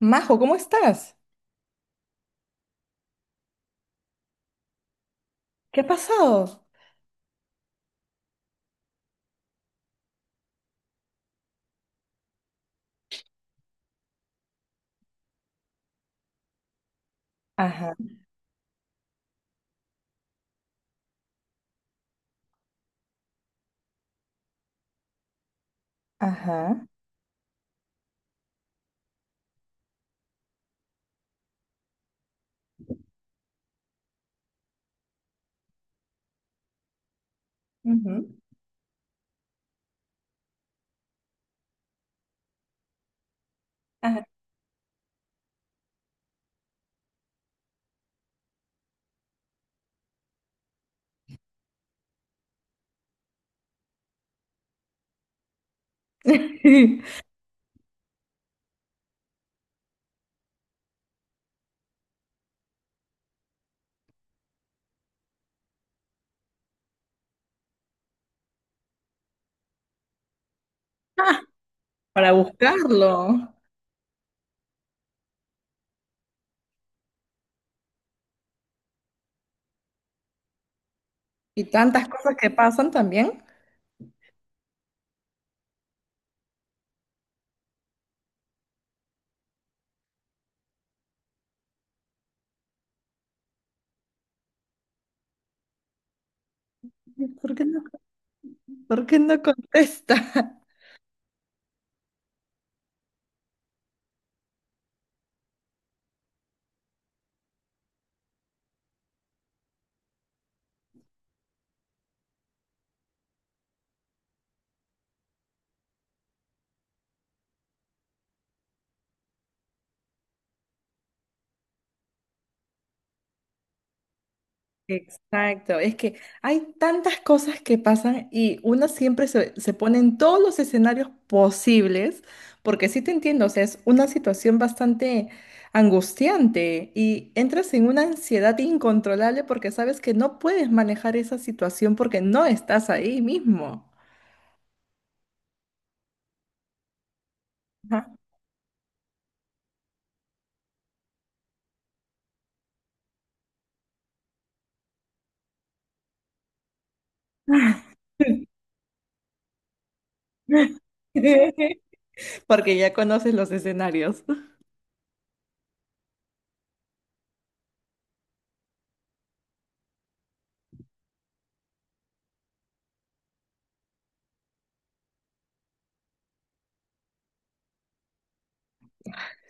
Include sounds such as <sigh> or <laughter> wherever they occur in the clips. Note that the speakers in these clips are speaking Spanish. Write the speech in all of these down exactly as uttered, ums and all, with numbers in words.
Majo, ¿cómo estás? ¿Qué ha pasado? Ajá, ajá, ujú, ajá. <laughs> Ah, para buscarlo. Y tantas cosas que pasan también. ¿Por qué no, por qué no contesta? Exacto, es que hay tantas cosas que pasan y una siempre se, se pone en todos los escenarios posibles, porque sí te entiendo, o sea, es una situación bastante angustiante y entras en una ansiedad incontrolable porque sabes que no puedes manejar esa situación porque no estás ahí mismo. Ajá. <laughs> Porque ya conoces los escenarios.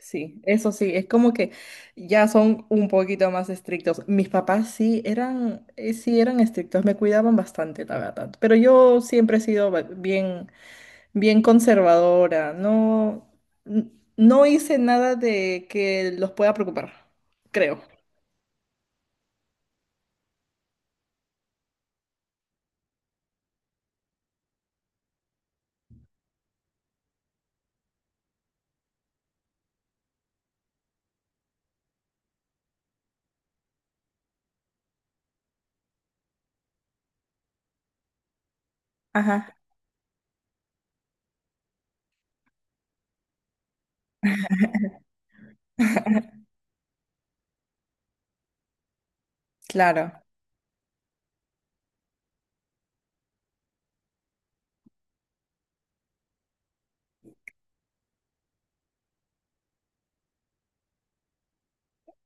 Sí, eso sí, es como que ya son un poquito más estrictos. Mis papás sí eran, eh, sí eran estrictos, me cuidaban bastante, la verdad. Pero yo siempre he sido ba- bien, bien conservadora. No, n- no hice nada de que los pueda preocupar, creo. Ajá. <laughs> Claro.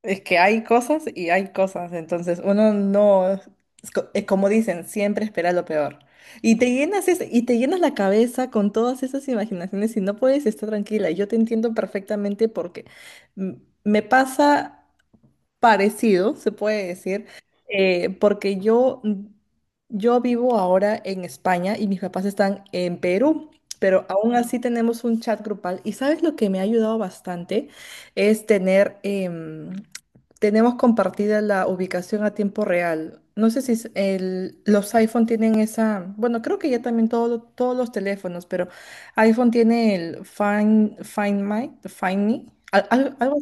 Es que hay cosas y hay cosas, entonces uno no, es co- es como dicen, siempre espera lo peor. Y te llenas es- y te llenas la cabeza con todas esas imaginaciones y no puedes estar tranquila. Yo te entiendo perfectamente porque mm, me pasa parecido, se puede decir, eh, porque yo, yo vivo ahora en España y mis papás están en Perú, pero aún así tenemos un chat grupal. Y sabes lo que me ha ayudado bastante es tener, em, tenemos compartida la ubicación a tiempo real. No sé si es el- los iPhone tienen esa, bueno, creo que ya también todo- todos los teléfonos, pero iPhone tiene el Find, Find My, Find Me, al- al- algo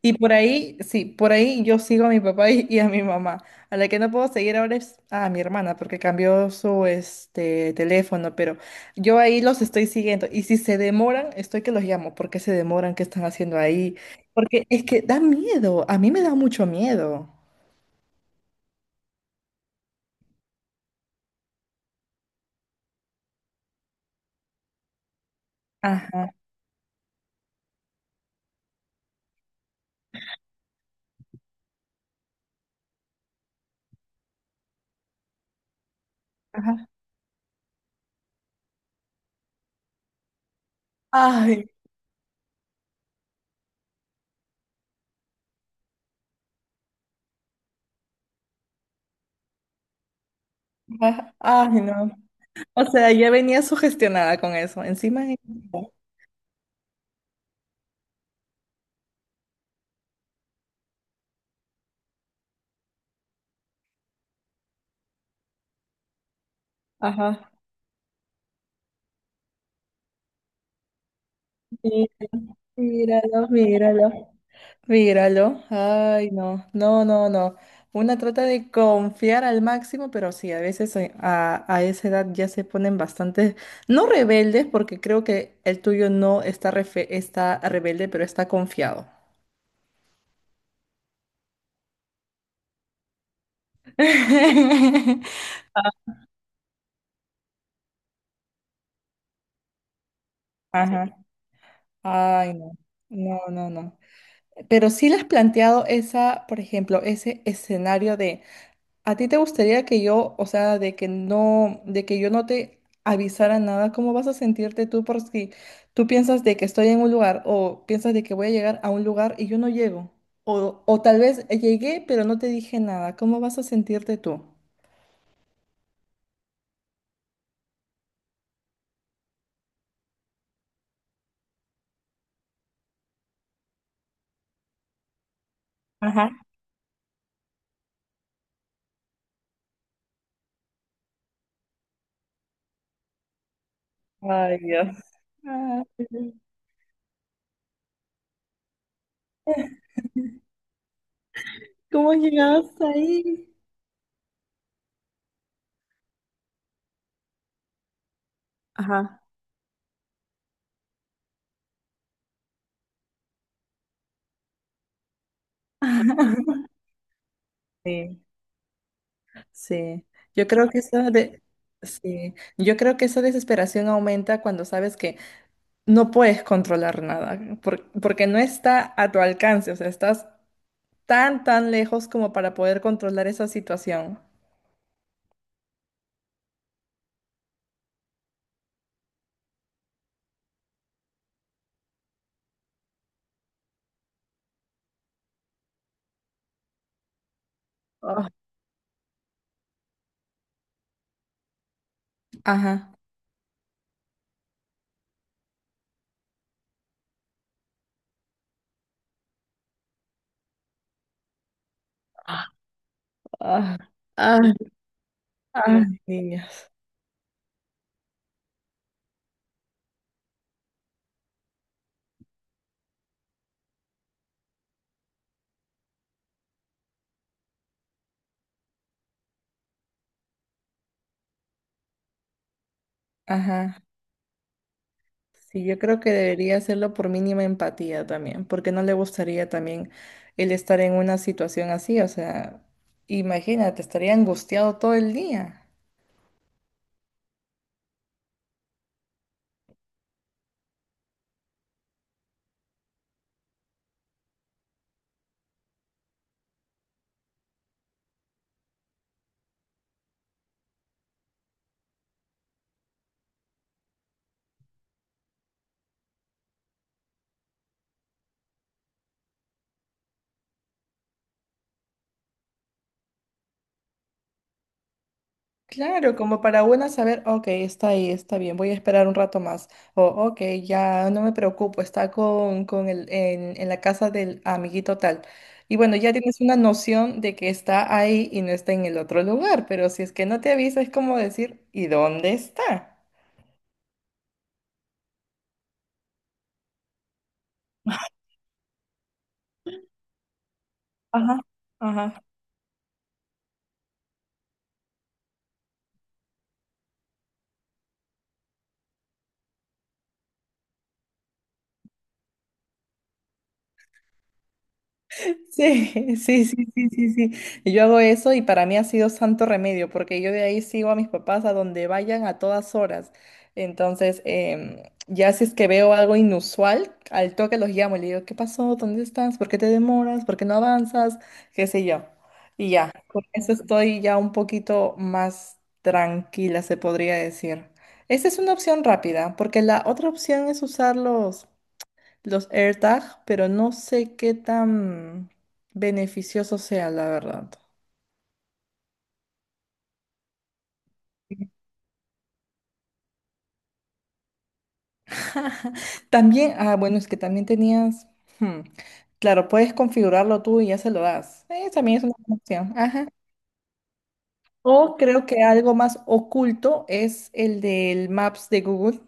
y por ahí, sí, por ahí yo sigo a mi papá y, y a mi mamá. A la que no puedo seguir ahora es a mi hermana, porque cambió su este teléfono, pero yo ahí los estoy siguiendo. Y si se demoran, estoy que los llamo. ¿Por qué se demoran? ¿Qué están haciendo ahí? Porque es que da miedo. A mí me da mucho miedo. Ajá, ajá. Ay, ajá, ay, no. O sea, ya venía sugestionada con eso. Encima, ajá. Sí, míralo, míralo. Míralo. Ay, no, no, no, no. Una trata de confiar al máximo, pero sí, a veces eh, a, a esa edad ya se ponen bastante, no rebeldes, porque creo que el tuyo no está, refe- está rebelde, pero está confiado. <laughs> Ajá. Ay, no, no, no, no. Pero sí le has planteado esa, por ejemplo, ese escenario. ¿A ti te gustaría que yo, o sea, de que no, de que yo no te avisara nada? ¿Cómo vas a sentirte tú por si tú piensas de que estoy en un lugar o piensas de que voy a llegar a un lugar y yo no llego? O, o tal vez llegué pero no te dije nada. ¿Cómo vas a sentirte tú? Ajá. Ay, Dios. Ay, <laughs> ¿cómo llegaste ahí? Ajá. <laughs> Sí, sí. Yo creo que esa de, sí. Yo creo que esa desesperación aumenta cuando sabes que no puedes controlar nada, por- porque no está a tu alcance, o sea, estás tan, tan lejos como para poder controlar esa situación. Ah, ajá. Ah, ah, ah. Los ah. Niños. Ajá. Sí, yo creo que debería hacerlo por mínima empatía también, porque no le gustaría también el estar en una situación así, o sea, imagínate, estaría angustiado todo el día. Claro, como para una saber, ok, está ahí, está bien, voy a esperar un rato más. O, ok, ya no me preocupo, está con, con el, en, en la casa del amiguito tal. Y bueno, ya tienes una noción de que está ahí y no está en el otro lugar, pero si es que no te avisa, es como decir, ¿y dónde está? Ajá, ajá. <laughs> Sí, sí, sí, sí, sí, sí. Y yo hago eso y para mí ha sido santo remedio porque yo de ahí sigo a mis papás a donde vayan a todas horas. Entonces, em, ya si es que veo algo inusual, al toque los llamo y le digo, ¿qué pasó? ¿Dónde estás? ¿Por qué te demoras? ¿Por qué no avanzas? ¿Qué sé yo? Y ya, con eso estoy ya un poquito más tranquila, se podría decir. Esa es una opción rápida porque la otra opción es usarlos los AirTag, pero no sé qué tan beneficioso sea, la verdad. <laughs> También, ah, bueno, es que también tenías, hmm, claro, puedes configurarlo tú y ya se lo das. Eh, también es una buena opción. Ajá. O creo que algo más oculto es el del Maps de Google.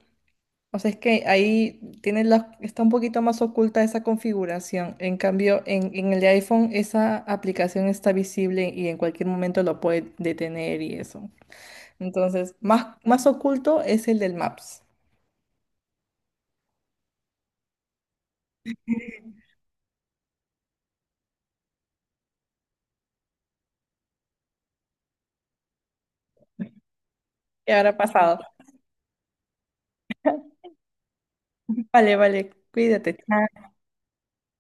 O sea, es que ahí tiene la, está un poquito más oculta esa configuración. En cambio, en, en el de iPhone esa aplicación está visible y en cualquier momento lo puede detener y eso. Entonces, más, más oculto es el del Maps. ¿Qué habrá pasado? Vale, vale, cuídate. Chao.